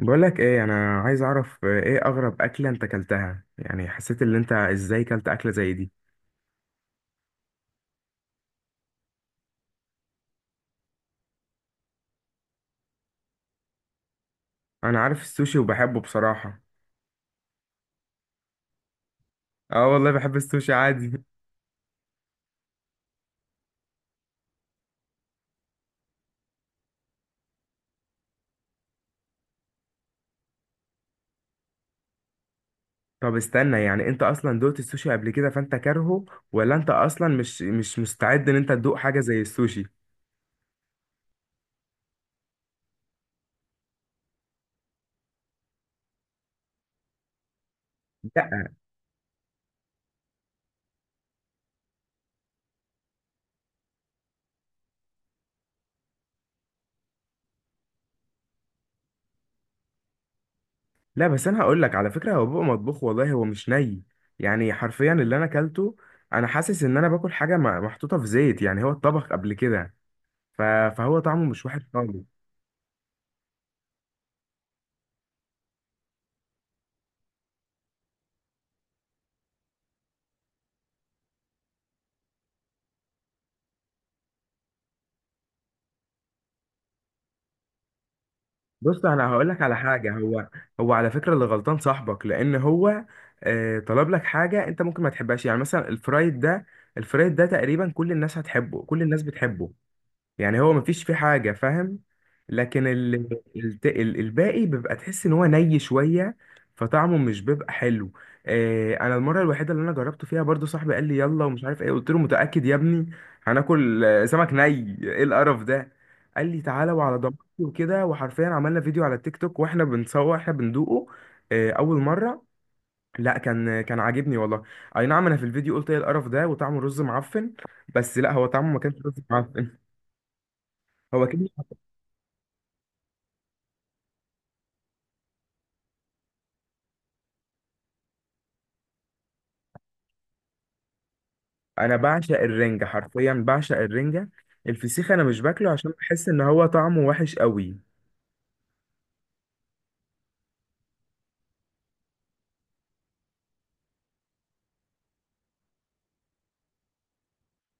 بقولك ايه، انا عايز اعرف ايه اغرب اكلة انت اكلتها؟ يعني حسيت ان انت ازاي كلت اكلة زي دي؟ انا عارف السوشي وبحبه بصراحة. اه والله بحب السوشي عادي طب استنى، يعني انت اصلا دوقت السوشي قبل كده فانت كارهه؟ ولا انت اصلا مش مستعد ان انت تدوق حاجة زي السوشي؟ لا، لا، بس انا هقولك على فكرة، هو بيبقى مطبوخ والله، هو مش ني. يعني حرفيا اللي انا اكلته، انا حاسس ان انا باكل حاجة محطوطة في زيت، يعني هو اتطبخ قبل كده. ف- فهو طعمه مش وحش خالص. بص انا هقول لك على حاجه. هو على فكره اللي غلطان صاحبك، لان هو طلب لك حاجه انت ممكن ما تحبهاش. يعني مثلا الفرايد ده، الفرايد ده تقريبا كل الناس هتحبه، كل الناس بتحبه. يعني هو مفيش فيه حاجة، فاهم؟ لكن الباقي بيبقى تحس ان هو ني شوية، فطعمه مش بيبقى حلو. آه، انا المرة الوحيدة اللي انا جربته فيها برضو صاحبي قال لي يلا ومش عارف ايه، قلت له متأكد يا ابني هناكل سمك ني؟ ايه القرف ده؟ قال لي تعالى وعلى ضمانتي وكده. وحرفيا عملنا فيديو على التيك توك واحنا بنصور احنا بندوقه. آه، اول مرة. لا، كان عاجبني والله. اي نعم، انا في الفيديو قلت ايه القرف ده وطعمه رز معفن. بس لا، هو طعمه ما كانش رز معفن. هو كان. انا بعشق الرنجة، حرفيا بعشق الرنجة. الفسيخ انا مش باكله عشان بحس ان هو طعمه وحش قوي.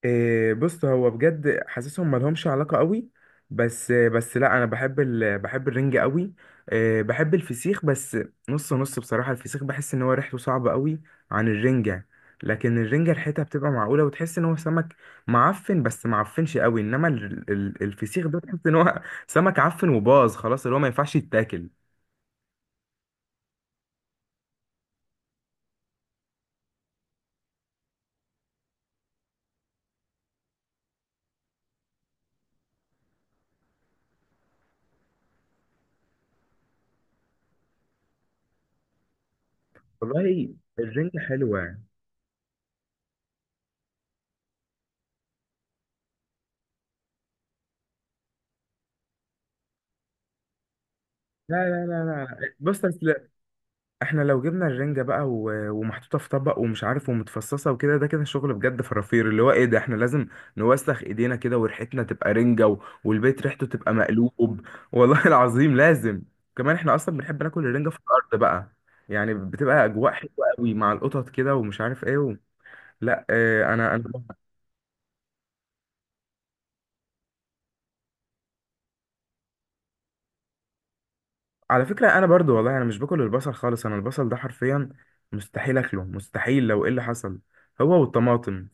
إيه، بص هو بجد حاسسهم ملهمش علاقة قوي. بس لا، انا بحب بحب الرنجة قوي. إيه، بحب الفسيخ بس. نص نص بصراحة، الفسيخ بحس ان هو ريحته صعبة قوي عن الرنجة. لكن الرنجة ريحتها بتبقى معقولة، وتحس ان هو سمك معفن بس معفنش قوي. انما الفسيخ ده تحس ان هو سمك عفن وباظ خلاص، اللي هو ما ينفعش يتاكل. والله الرنجة حلوة. لا، لا، لا، لا، بص اصل، احنا لو جبنا الرنجة بقى ومحطوطة في طبق ومش عارف، ومتفصصة وكده، ده كده شغل بجد فرافير. اللي هو ايه ده؟ احنا لازم نوسخ ايدينا كده وريحتنا تبقى رنجة والبيت ريحته تبقى مقلوب. والله العظيم لازم. كمان احنا اصلا بنحب ناكل الرنجة في الارض بقى، يعني بتبقى اجواء حلوة قوي مع القطط كده ومش عارف ايه لا، اه، انا على فكرة انا برضو والله انا مش باكل البصل خالص. انا البصل ده حرفيا مستحيل اكله، مستحيل لو ايه اللي حصل، هو والطماطم.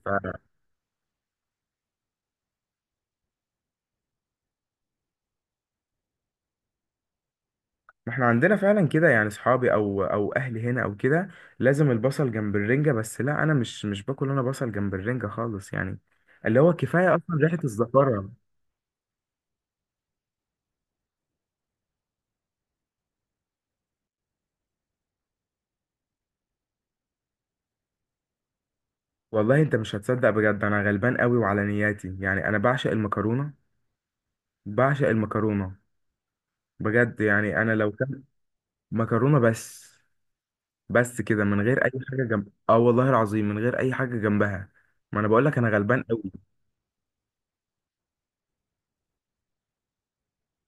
ما احنا عندنا فعلا كده، يعني صحابي او اهلي هنا او كده لازم البصل جنب الرنجة. بس لا، انا مش باكل انا بصل جنب الرنجة خالص، يعني اللي هو كفاية اصلا ريحة الزفارة. والله انت مش هتصدق، بجد انا غلبان قوي وعلى نياتي، يعني انا بعشق المكرونة، بعشق المكرونة. بجد، يعني انا لو كان، مكرونة بس. بس كده، من غير اي حاجة جنب، اه والله العظيم من غير اي حاجة جنبها. ما انا بقول لك انا غلبان قوي.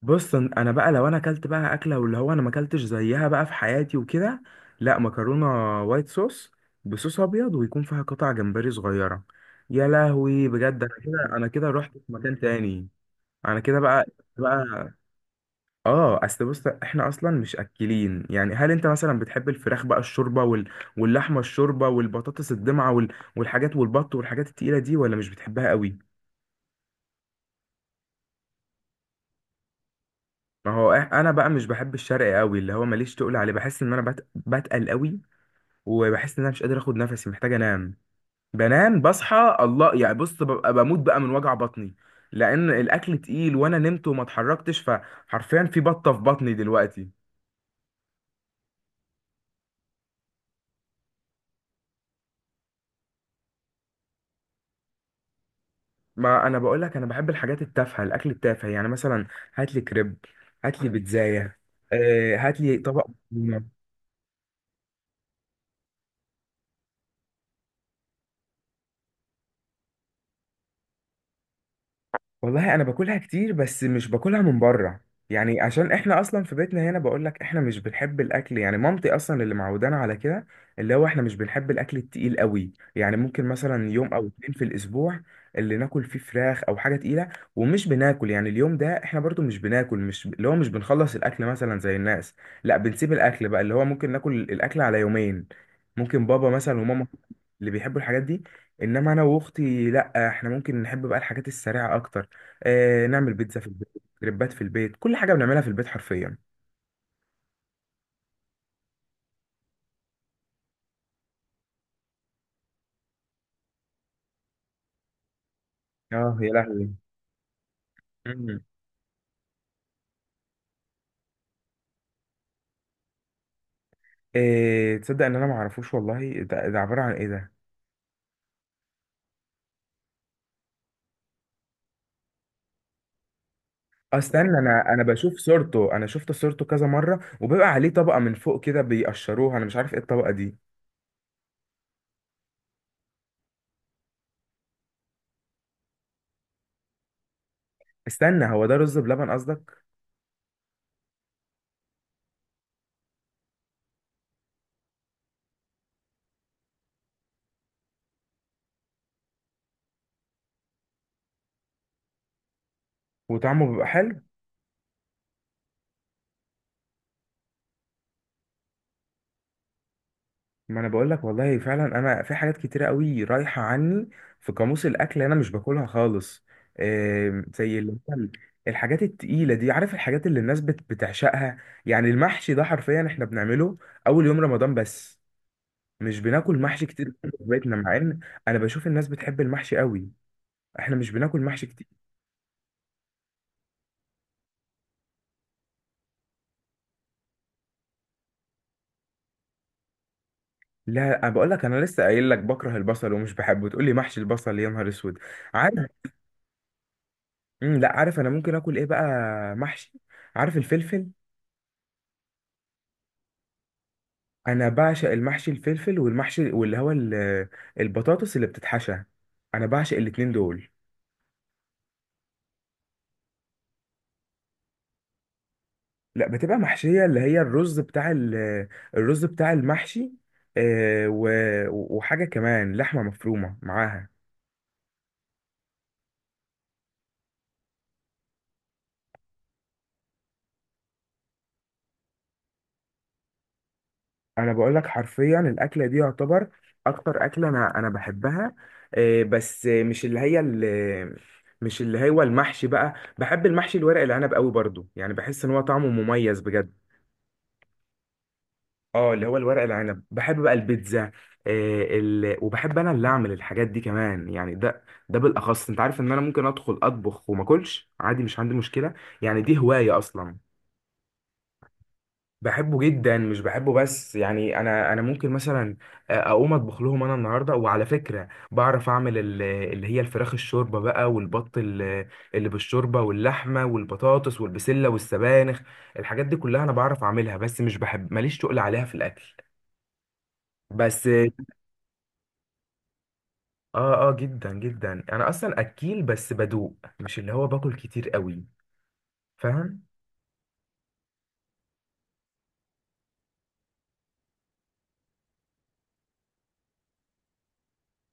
بص، انا بقى لو انا اكلت بقى اكله واللي هو انا ما اكلتش زيها بقى في حياتي وكده، لا، مكرونه وايت صوص، بصوص ابيض ويكون فيها قطع جمبري صغيره. يا لهوي، بجد انا كده، انا كده رحت في مكان تاني. انا كده بقى، بقى. اه، اصل بص احنا اصلا مش اكلين، يعني هل انت مثلا بتحب الفراخ بقى الشوربه واللحمه، الشوربه والبطاطس الدمعه والحاجات، والبط، والحاجات التقيله دي، ولا مش بتحبها قوي؟ ما هو انا بقى مش بحب الشرق قوي، اللي هو ماليش، تقول عليه بحس ان انا بتقل قوي. وبحس ان انا مش قادر اخد نفسي، محتاج انام. بنام بصحى الله، يعني بص ببقى بموت بقى من وجع بطني، لان الاكل تقيل وانا نمت وما اتحركتش، فحرفيا في بطه في بطني دلوقتي. ما انا بقول لك، انا بحب الحاجات التافهه، الاكل التافه، يعني مثلا هات لي كريب، هات لي بيتزايه، هات لي طبق. والله انا باكلها كتير بس مش باكلها من بره، يعني عشان احنا اصلا في بيتنا هنا، بقولك احنا مش بنحب الاكل، يعني مامتي اصلا اللي معودانا على كده. اللي هو احنا مش بنحب الاكل التقيل قوي، يعني ممكن مثلا يوم او اتنين في الاسبوع اللي ناكل فيه فراخ او حاجه تقيله. ومش بناكل، يعني اليوم ده احنا برضو مش بناكل، مش اللي هو مش بنخلص الاكل مثلا زي الناس. لا، بنسيب الاكل بقى، اللي هو ممكن ناكل الاكل على يومين. ممكن بابا مثلا وماما اللي بيحبوا الحاجات دي، انما انا واختي لا، احنا ممكن نحب بقى الحاجات السريعه اكتر. آه، نعمل بيتزا في البيت، كريبات في البيت، كل حاجه بنعملها في البيت حرفيا. اه يا لهوي. مم. إيه، تصدق ان انا ما اعرفوش والله؟ ده عباره عن ايه ده؟ استنى، انا بشوف صورته، انا شفت صورته كذا مره وبيبقى عليه طبقه من فوق كده بيقشروها، انا مش عارف ايه الطبقه دي. استنى، هو ده رز بلبن قصدك؟ وطعمه بيبقى حلو. ما انا بقول لك والله فعلا انا في حاجات كتيره قوي رايحه عني في قاموس الاكل، انا مش باكلها خالص. زي اللي هو الحاجات التقيله دي. عارف الحاجات اللي الناس بتعشقها؟ يعني المحشي ده حرفيا احنا بنعمله اول يوم رمضان بس، مش بناكل محشي كتير في بيتنا، مع ان انا بشوف الناس بتحب المحشي قوي، احنا مش بناكل محشي كتير. لا، انا بقول لك، انا لسه قايل لك بكره البصل ومش بحبه، تقول لي محشي البصل؟ يا نهار اسود. عارف. لا، عارف انا ممكن اكل ايه بقى؟ محشي. عارف الفلفل؟ انا بعشق المحشي الفلفل، والمحشي واللي هو البطاطس اللي بتتحشى، انا بعشق الاتنين دول. لا، بتبقى محشية اللي هي الرز بتاع الرز بتاع المحشي، وحاجة كمان لحمة مفرومة معاها. انا بقول لك حرفيا الاكلة دي يعتبر اكتر اكلة انا بحبها، بس مش اللي هي مش اللي هو المحشي بقى. بحب المحشي الورق العنب قوي برضو، يعني بحس ان هو طعمه مميز بجد. اه، اللي هو الورق العنب. بحب بقى البيتزا، وبحب انا اللي اعمل الحاجات دي كمان، يعني ده بالاخص انت عارف ان انا ممكن ادخل اطبخ وما اكلش عادي، مش عندي مشكله، يعني دي هوايه اصلا. بحبه جدا، مش بحبه بس، يعني انا ممكن مثلا اقوم اطبخ لهم انا النهارده. وعلى فكره بعرف اعمل اللي هي الفراخ الشوربه بقى، والبط اللي بالشوربه، واللحمه والبطاطس والبسله والسبانخ. الحاجات دي كلها انا بعرف اعملها، بس مش بحب ماليش تقل عليها في الاكل، بس. اه، اه، جدا جدا، انا اصلا اكيل بس بدوق، مش اللي هو باكل كتير قوي، فاهم؟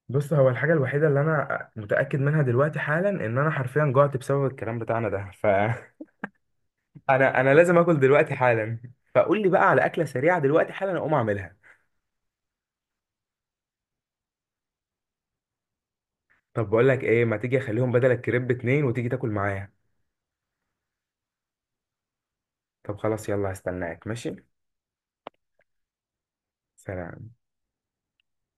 بص، هو الحاجه الوحيده اللي انا متاكد منها دلوقتي حالا ان انا حرفيا جوعت بسبب الكلام بتاعنا ده، ف انا لازم اكل دلوقتي حالا. فقول لي بقى على اكله سريعه دلوقتي حالا اقوم اعملها. طب بقول لك ايه، ما تيجي اخليهم بدل الكريب اتنين وتيجي تاكل معايا. طب خلاص يلا، هستناك، ماشي. سلام.